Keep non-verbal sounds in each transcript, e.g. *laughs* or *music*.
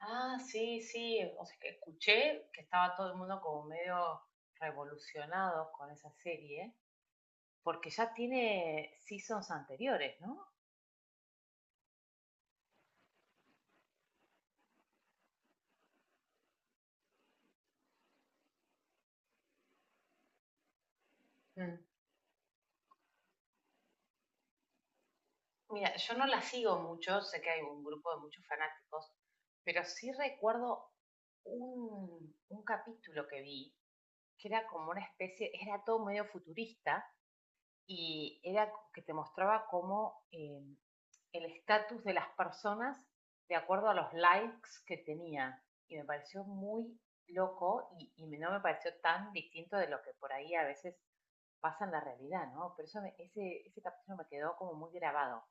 Ah, sí, sí, o sea, que escuché que estaba todo el mundo como medio revolucionado con esa serie, porque ya tiene seasons anteriores, ¿no? Mm. Mira, yo no la sigo mucho, sé que hay un grupo de muchos fanáticos, pero sí recuerdo un capítulo que vi, que era como una especie, era todo medio futurista y era que te mostraba cómo el estatus de las personas de acuerdo a los likes que tenía. Y me pareció muy loco y no me pareció tan distinto de lo que por ahí a veces pasa en la realidad, ¿no? Pero ese capítulo me quedó como muy grabado.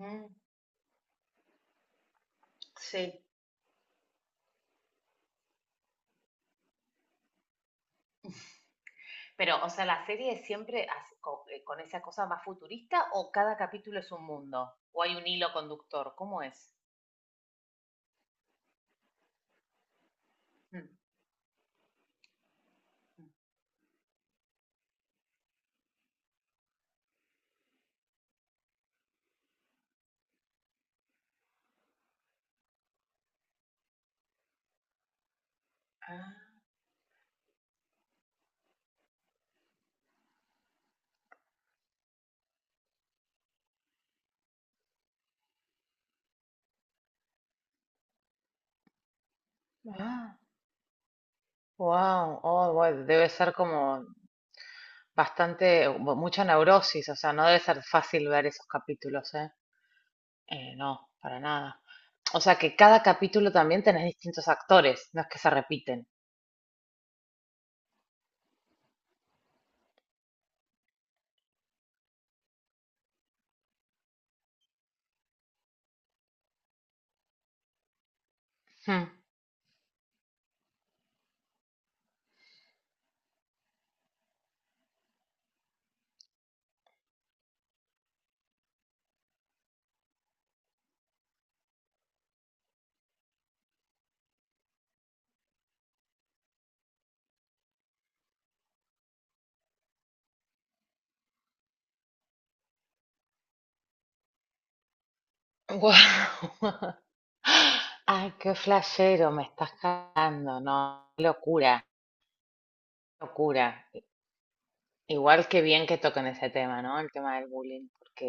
Mm. Sí. Pero, o sea, la serie siempre así, con esa cosa más futurista, o cada capítulo es un mundo, o hay un hilo conductor, ¿cómo es? Mm. Ah, ah, wow, oh, bueno, debe ser como bastante, mucha neurosis, o sea, no debe ser fácil ver esos capítulos, ¿eh? No, para nada. O sea, que cada capítulo también tenés distintos actores, no es que se repiten. Hmm. Guau. *laughs* Ay, qué flashero, me estás cagando, no, qué locura, qué locura. Igual que bien que toquen ese tema, ¿no? El tema del bullying, porque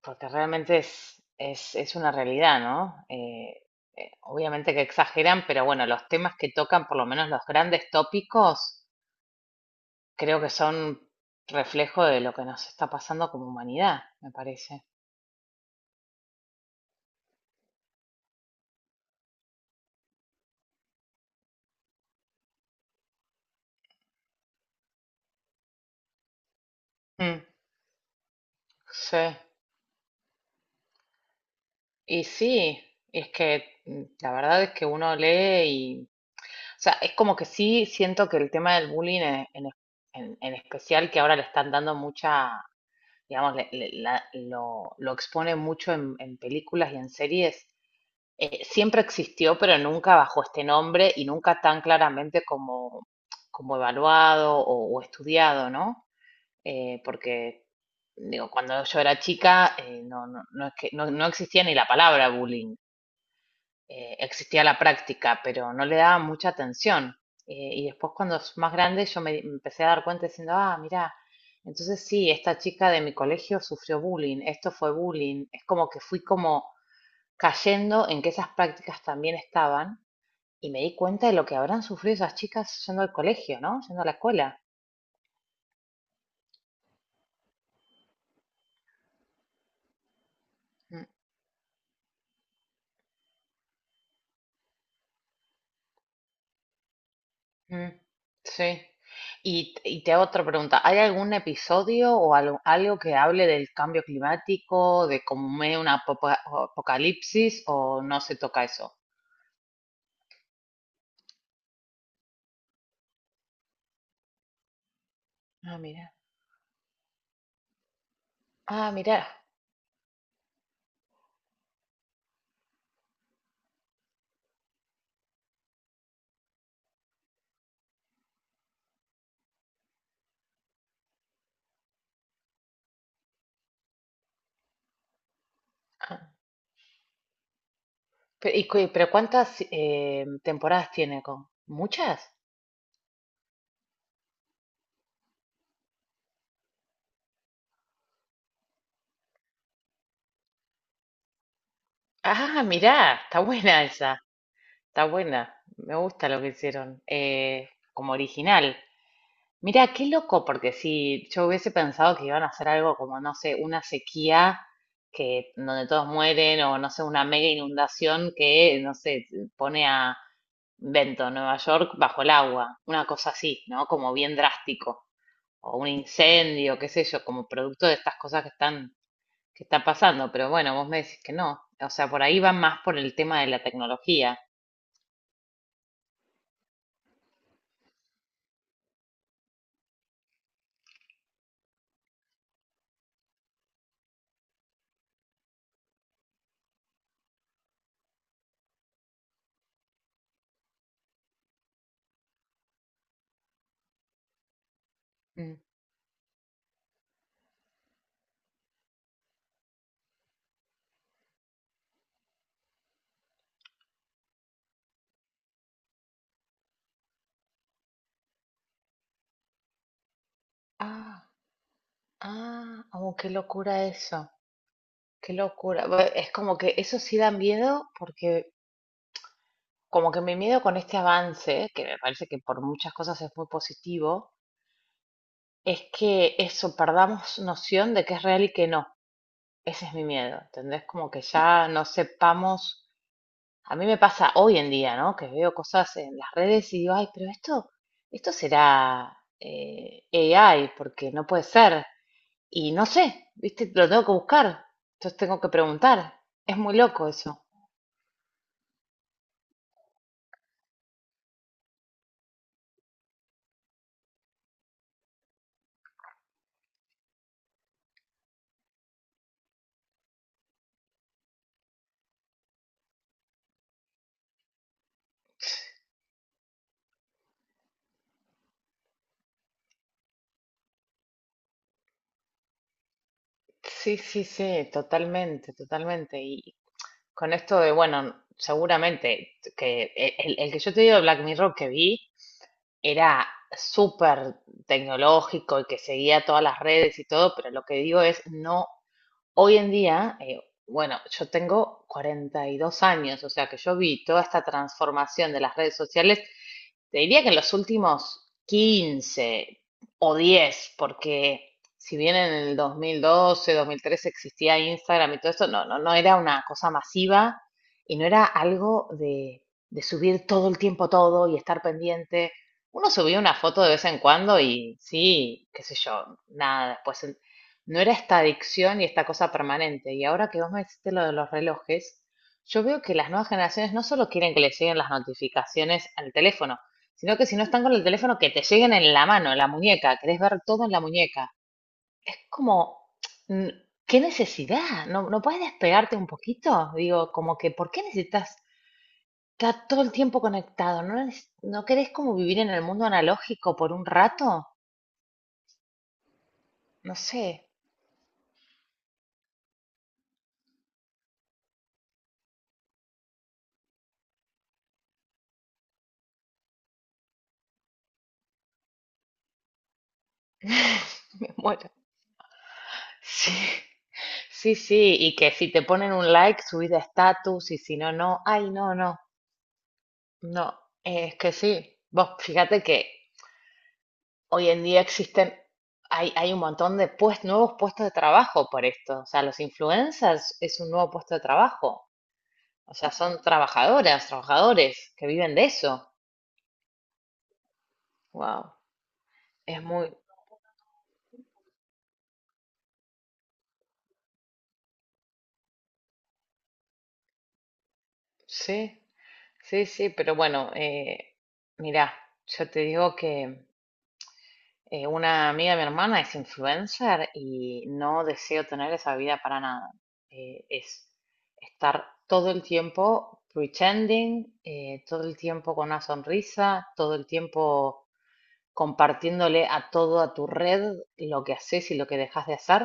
Porque realmente es una realidad, ¿no? Obviamente que exageran, pero bueno, los temas que tocan, por lo menos los grandes tópicos, creo que son reflejo de lo que nos está pasando como humanidad, me parece. Mm, sí. Y sí, es que la verdad es que uno lee y, o sea, es como que sí siento que el tema del bullying en en especial, que ahora le están dando mucha, digamos, lo expone mucho en películas y en series. Siempre existió, pero nunca bajo este nombre y nunca tan claramente como, como evaluado o estudiado, ¿no? Porque, digo, cuando yo era chica, no, no, no es que, no, no existía ni la palabra bullying. Existía la práctica, pero no le daba mucha atención. Y después cuando es más grande yo me empecé a dar cuenta diciendo, ah, mirá, entonces sí, esta chica de mi colegio sufrió bullying, esto fue bullying. Es como que fui como cayendo en que esas prácticas también estaban y me di cuenta de lo que habrán sufrido esas chicas yendo al colegio, ¿no? Yendo a la escuela. Mm. Mm, sí. Y te hago otra pregunta. ¿Hay algún episodio o algo que hable del cambio climático, de como medio una apocalipsis, o no se toca eso? Ah, mira. Ah, mira. Ah, pero ¿cuántas temporadas tiene con? ¿Muchas? Ah, mirá, está buena esa, está buena, me gusta lo que hicieron, como original. Mira, qué loco, porque si yo hubiese pensado que iban a hacer algo como, no sé, una sequía que donde todos mueren, o no sé, una mega inundación que, no sé, pone a Vento, Nueva York, bajo el agua, una cosa así, ¿no? Como bien drástico, o un incendio, qué sé yo, como producto de estas cosas que están pasando, pero bueno, vos me decís que no. O sea, por ahí va más por el tema de la tecnología. Mm. Ah, ah, oh, qué locura eso. Qué locura. Es como que eso sí da miedo, porque como que mi miedo con este avance, que me parece que por muchas cosas es muy positivo, es que eso, perdamos noción de que es real y que no. Ese es mi miedo, ¿entendés? Como que ya no sepamos. A mí me pasa hoy en día, ¿no? Que veo cosas en las redes y digo, ay, pero esto será AI, porque no puede ser. Y no sé, ¿viste? Lo tengo que buscar. Entonces tengo que preguntar. Es muy loco eso. Sí, sí, sí, totalmente, totalmente. Y con esto de, bueno, seguramente que el que yo te digo de Black Mirror que vi era súper tecnológico y que seguía todas las redes y todo, pero lo que digo es, no, hoy en día, bueno, yo tengo 42 años, o sea que yo vi toda esta transformación de las redes sociales, te diría que en los últimos 15 o 10, porque si bien en el 2012, 2013 existía Instagram y todo esto, no, no, no era una cosa masiva, y no era algo de subir todo el tiempo todo y estar pendiente. Uno subía una foto de vez en cuando y sí, qué sé yo, nada, después no era esta adicción y esta cosa permanente. Y ahora que vos me dijiste lo de los relojes, yo veo que las nuevas generaciones no solo quieren que les lleguen las notificaciones al teléfono, sino que si no están con el teléfono, que te lleguen en la mano, en la muñeca. Querés ver todo en la muñeca. Es como, mm, ¿qué necesidad? ¿No no puedes despegarte un poquito? Digo, como que, ¿por qué necesitas estar todo el tiempo conectado? ¿No, no querés como vivir en el mundo analógico por un rato? No sé. *laughs* Me muero. Sí. Sí, sí, y que si te ponen un like, subís de estatus, y si no, no. Ay, no, no, no. Es que sí. Vos fíjate que hoy en día existen, hay un montón de, pues, nuevos puestos de trabajo por esto. O sea, los influencers es un nuevo puesto de trabajo. O sea, son trabajadoras, trabajadores que viven de eso. Wow, es muy, sí, sí, sí, pero bueno, mirá, yo te digo que una amiga de mi hermana es influencer y no deseo tener esa vida para nada. Es estar todo el tiempo pretending, todo el tiempo con una sonrisa, todo el tiempo compartiéndole a todo a tu red lo que haces y lo que dejas de hacer.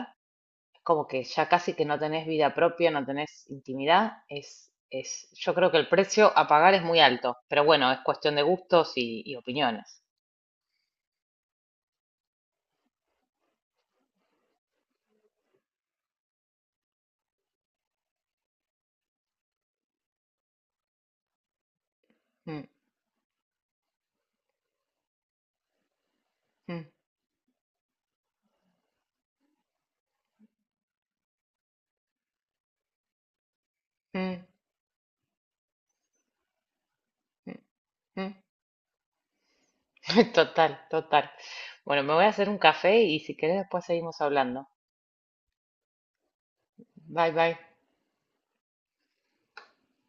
Es como que ya casi que no tenés vida propia, no tenés intimidad. Yo creo que el precio a pagar es muy alto, pero bueno, es cuestión de gustos y opiniones. Mm, mm, mm, mm, mm. *laughs* Total, total. Bueno, me voy a hacer un café y si querés después seguimos hablando. Bye, bye.